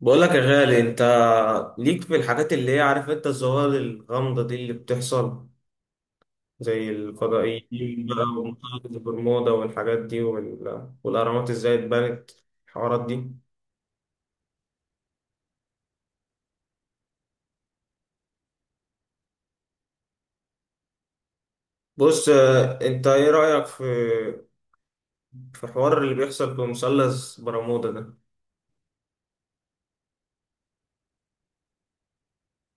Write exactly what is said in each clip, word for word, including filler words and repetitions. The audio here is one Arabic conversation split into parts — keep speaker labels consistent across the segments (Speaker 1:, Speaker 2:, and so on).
Speaker 1: بقول لك يا غالي انت ليك في الحاجات اللي هي عارف انت الظواهر الغامضة دي اللي بتحصل زي الفضائيين بقى ومنطقة البرمودا والحاجات دي وال... والأهرامات ازاي اتبنت الحوارات دي. بص، اه، انت ايه رأيك في في الحوار اللي بيحصل في مثلث برمودا ده؟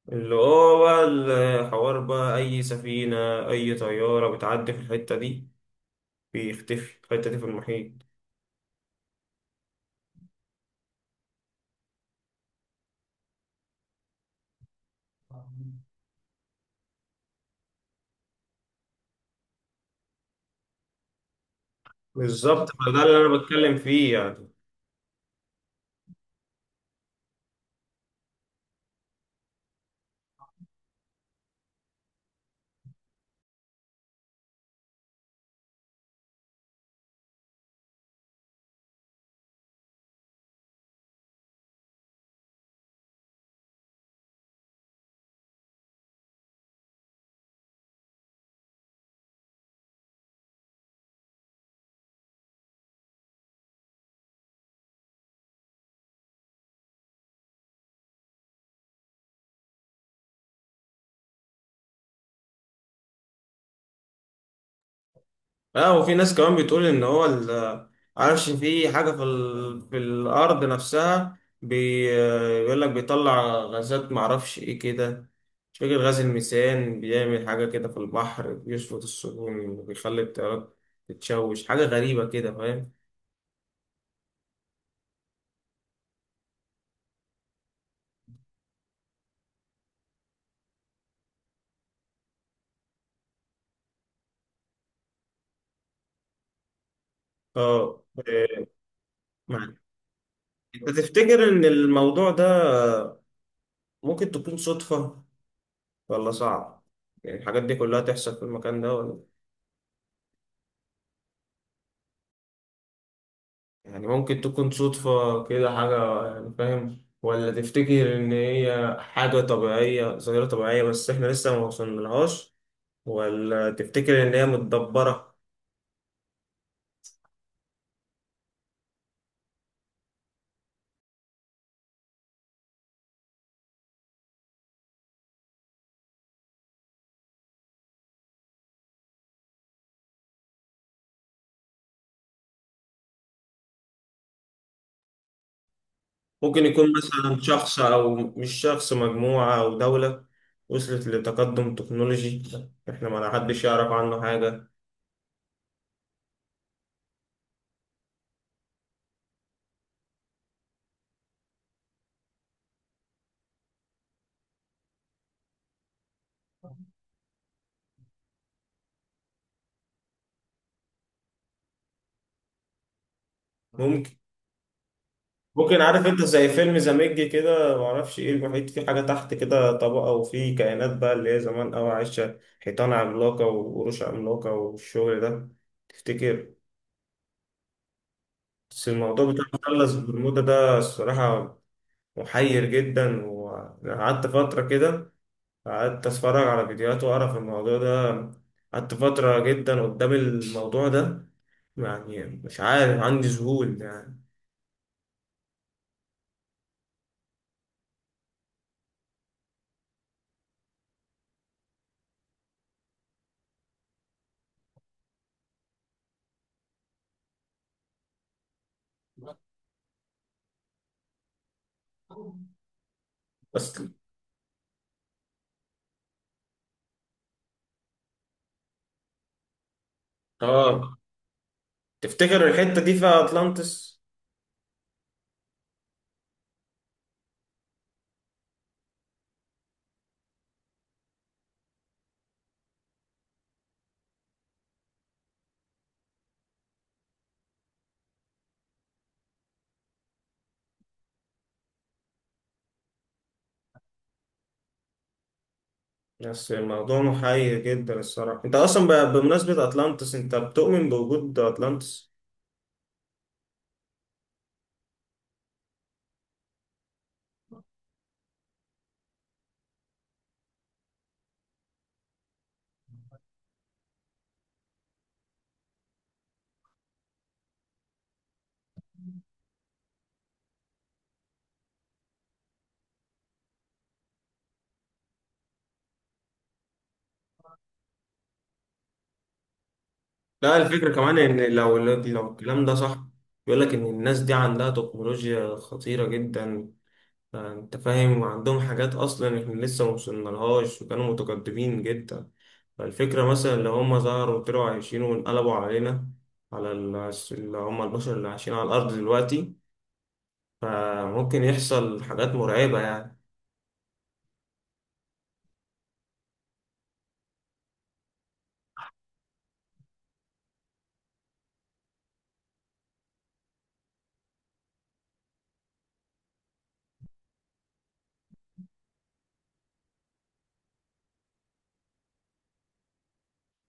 Speaker 1: اللي هو بقى الحوار بقى أي سفينة، أي طيارة بتعدي في الحتة دي بيختفي الحتة دي في المحيط. بالظبط، فده اللي أنا بتكلم فيه يعني. اه، وفي ناس كمان بتقول ان هو ال- عارفش في حاجه في ال... في الارض نفسها بي... بيقول لك بيطلع غازات، معرفش ايه كده. مش فاكر غاز الميثان بيعمل حاجه كده في البحر، بيشفط السفن وبيخلي الطيارات تتشوش، حاجه غريبه كده فاهم. اه، معاك. انت تفتكر ان الموضوع ده ممكن تكون صدفه ولا صعب، يعني الحاجات دي كلها تحصل في المكان ده، ولا يعني ممكن تكون صدفة كده حاجة يعني فاهم، ولا تفتكر إن هي حاجة طبيعية، ظاهرة طبيعية بس إحنا لسه ما وصلنالهاش، ولا تفتكر إن هي متدبرة؟ ممكن يكون مثلا شخص، أو مش شخص، مجموعة أو دولة وصلت لتقدم تكنولوجي، إحنا ما حدش يعرف عنه حاجة. ممكن ممكن عارف انت زي فيلم زاميج كده، معرفش ايه، المحيط فيه حاجة تحت كده طبقة، وفيه كائنات بقى اللي هي زمان أوي عايشة، حيطان عملاقة وقروش عملاقة والشغل ده. تفتكر؟ بس الموضوع بتاع مثلث برمودا ده الصراحة محير جدا، وقعدت فترة كده قعدت أتفرج على فيديوهات وأقرأ في الموضوع ده، قعدت فترة جدا قدام الموضوع ده، يعني مش عارف عندي ذهول يعني. بس اه تفتكر الحتة دي في أطلانتس؟ بس الموضوع محير جدا الصراحة. انت اصلا ب- بمناسبة اتلانتس، انت بتؤمن بوجود اتلانتس؟ لا، الفكرة كمان ان لو لو الكلام ده صح، بيقول لك ان الناس دي عندها تكنولوجيا خطيرة جدا، انت فاهم، وعندهم حاجات اصلا احنا لسه ما وصلنالهاش، وكانوا متقدمين جدا. فالفكرة مثلا لو هم ظهروا وطلعوا عايشين وانقلبوا علينا، على ال- اللي هم البشر اللي عايشين على الارض دلوقتي، فممكن يحصل حاجات مرعبة يعني.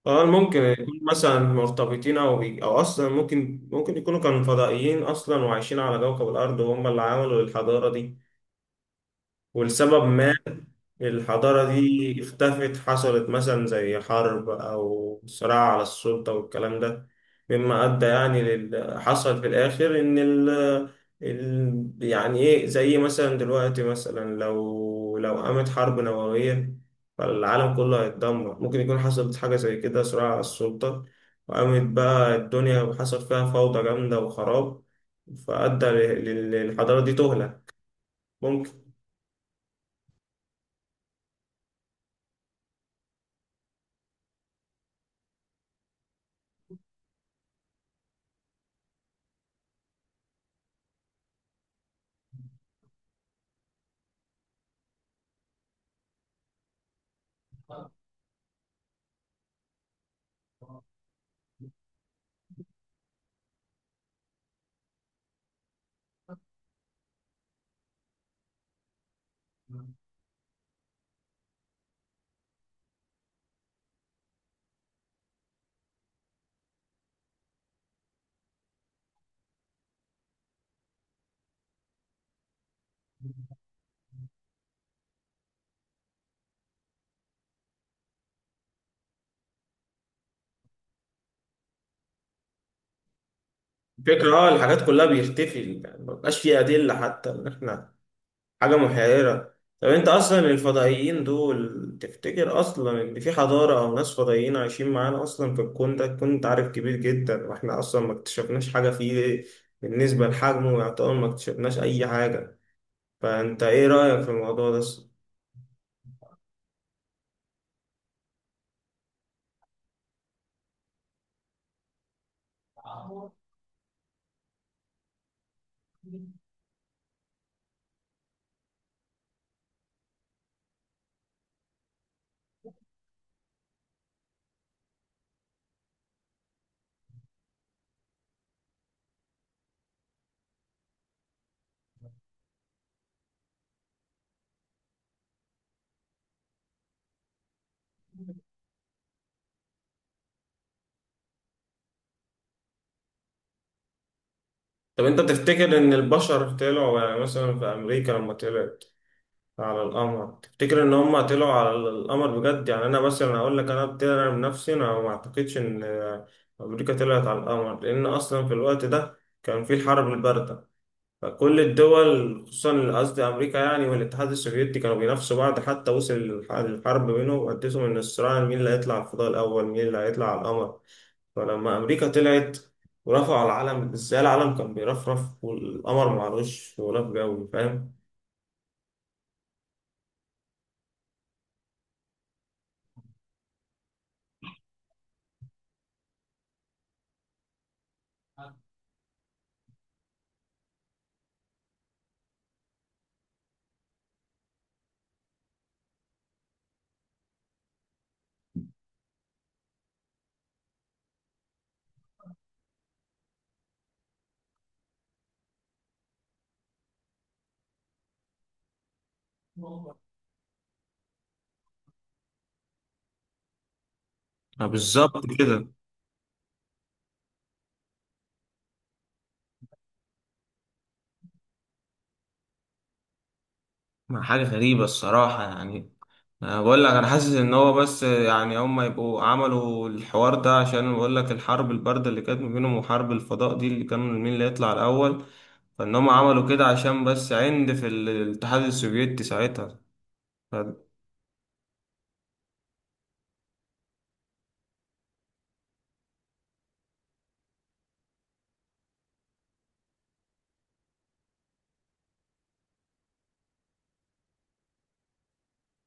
Speaker 1: اه، ممكن يكونوا مثلا مرتبطين او بي... او اصلا ممكن ممكن يكونوا كانوا فضائيين اصلا وعايشين على كوكب الارض، وهم اللي عملوا الحضاره دي، ولسبب ما الحضارة دي اختفت، حصلت مثلا زي حرب أو صراع على السلطة والكلام ده، مما أدى يعني لل... حصل في الآخر إن ال... ال... يعني إيه، زي مثلا دلوقتي مثلا لو لو قامت حرب نووية، فالعالم كله هيتدمر، ممكن يكون حصلت حاجة زي كده، صراع على السلطة وقامت بقى الدنيا وحصل فيها فوضى جامدة وخراب، فأدى لل- للحضارة دي تهلك، ممكن. الفكرة اه الحاجات كلها بيختفي، يعني مبقاش فيه أدلة، حتى إن إحنا حاجة محيرة. طب أنت أصلا الفضائيين دول، تفتكر أصلا إن في حضارة أو ناس فضائيين عايشين معانا أصلا في الكون ده؟ الكون ده عارف كبير جدا، وإحنا أصلا ما اكتشفناش حاجة فيه، بالنسبة لحجمه يعتبر ما اكتشفناش أي حاجة. فأنت إيه رأيك في الموضوع ده أصلا؟ طب أنت تفتكر إن البشر طلعوا، يعني مثلا في أمريكا لما طلعوا على القمر، تفتكر ان هم طلعوا على القمر بجد؟ يعني انا مثلا اقول لك، انا طلع انا بنفسي، انا ما اعتقدش ان امريكا طلعت على القمر، لان اصلا في الوقت ده كان في الحرب البارده، فكل الدول خصوصا، قصدي امريكا يعني والاتحاد السوفيتي، كانوا بينافسوا بعض، حتى وصل الح- الحرب بينهم، وقدتهم ان الصراع، مين اللي هيطلع على الفضاء الاول، مين اللي هيطلع على القمر. فلما امريكا طلعت ورفعوا العلم، ازاي العلم كان بيرفرف والقمر معلوش غلاف جوي، فاهم؟ آه، بالظبط كده. ما حاجة غريبة الصراحة يعني. أنا بقول لك أنا حاسس إن هو بس يعني هما يبقوا عملوا الحوار ده عشان، بقول لك الحرب الباردة اللي كانت ما بينهم وحرب الفضاء دي اللي كانوا مين اللي يطلع الأول، فإن هما عملوا كده عشان بس عند في ال- الاتحاد السوفيتي ساعتها، ف-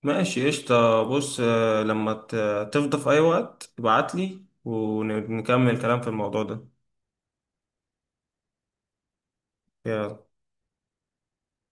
Speaker 1: ماشي قشطة. بص، آه، لما ت- تفضى في أي وقت ابعتلي ونكمل كلام في الموضوع ده. يلا.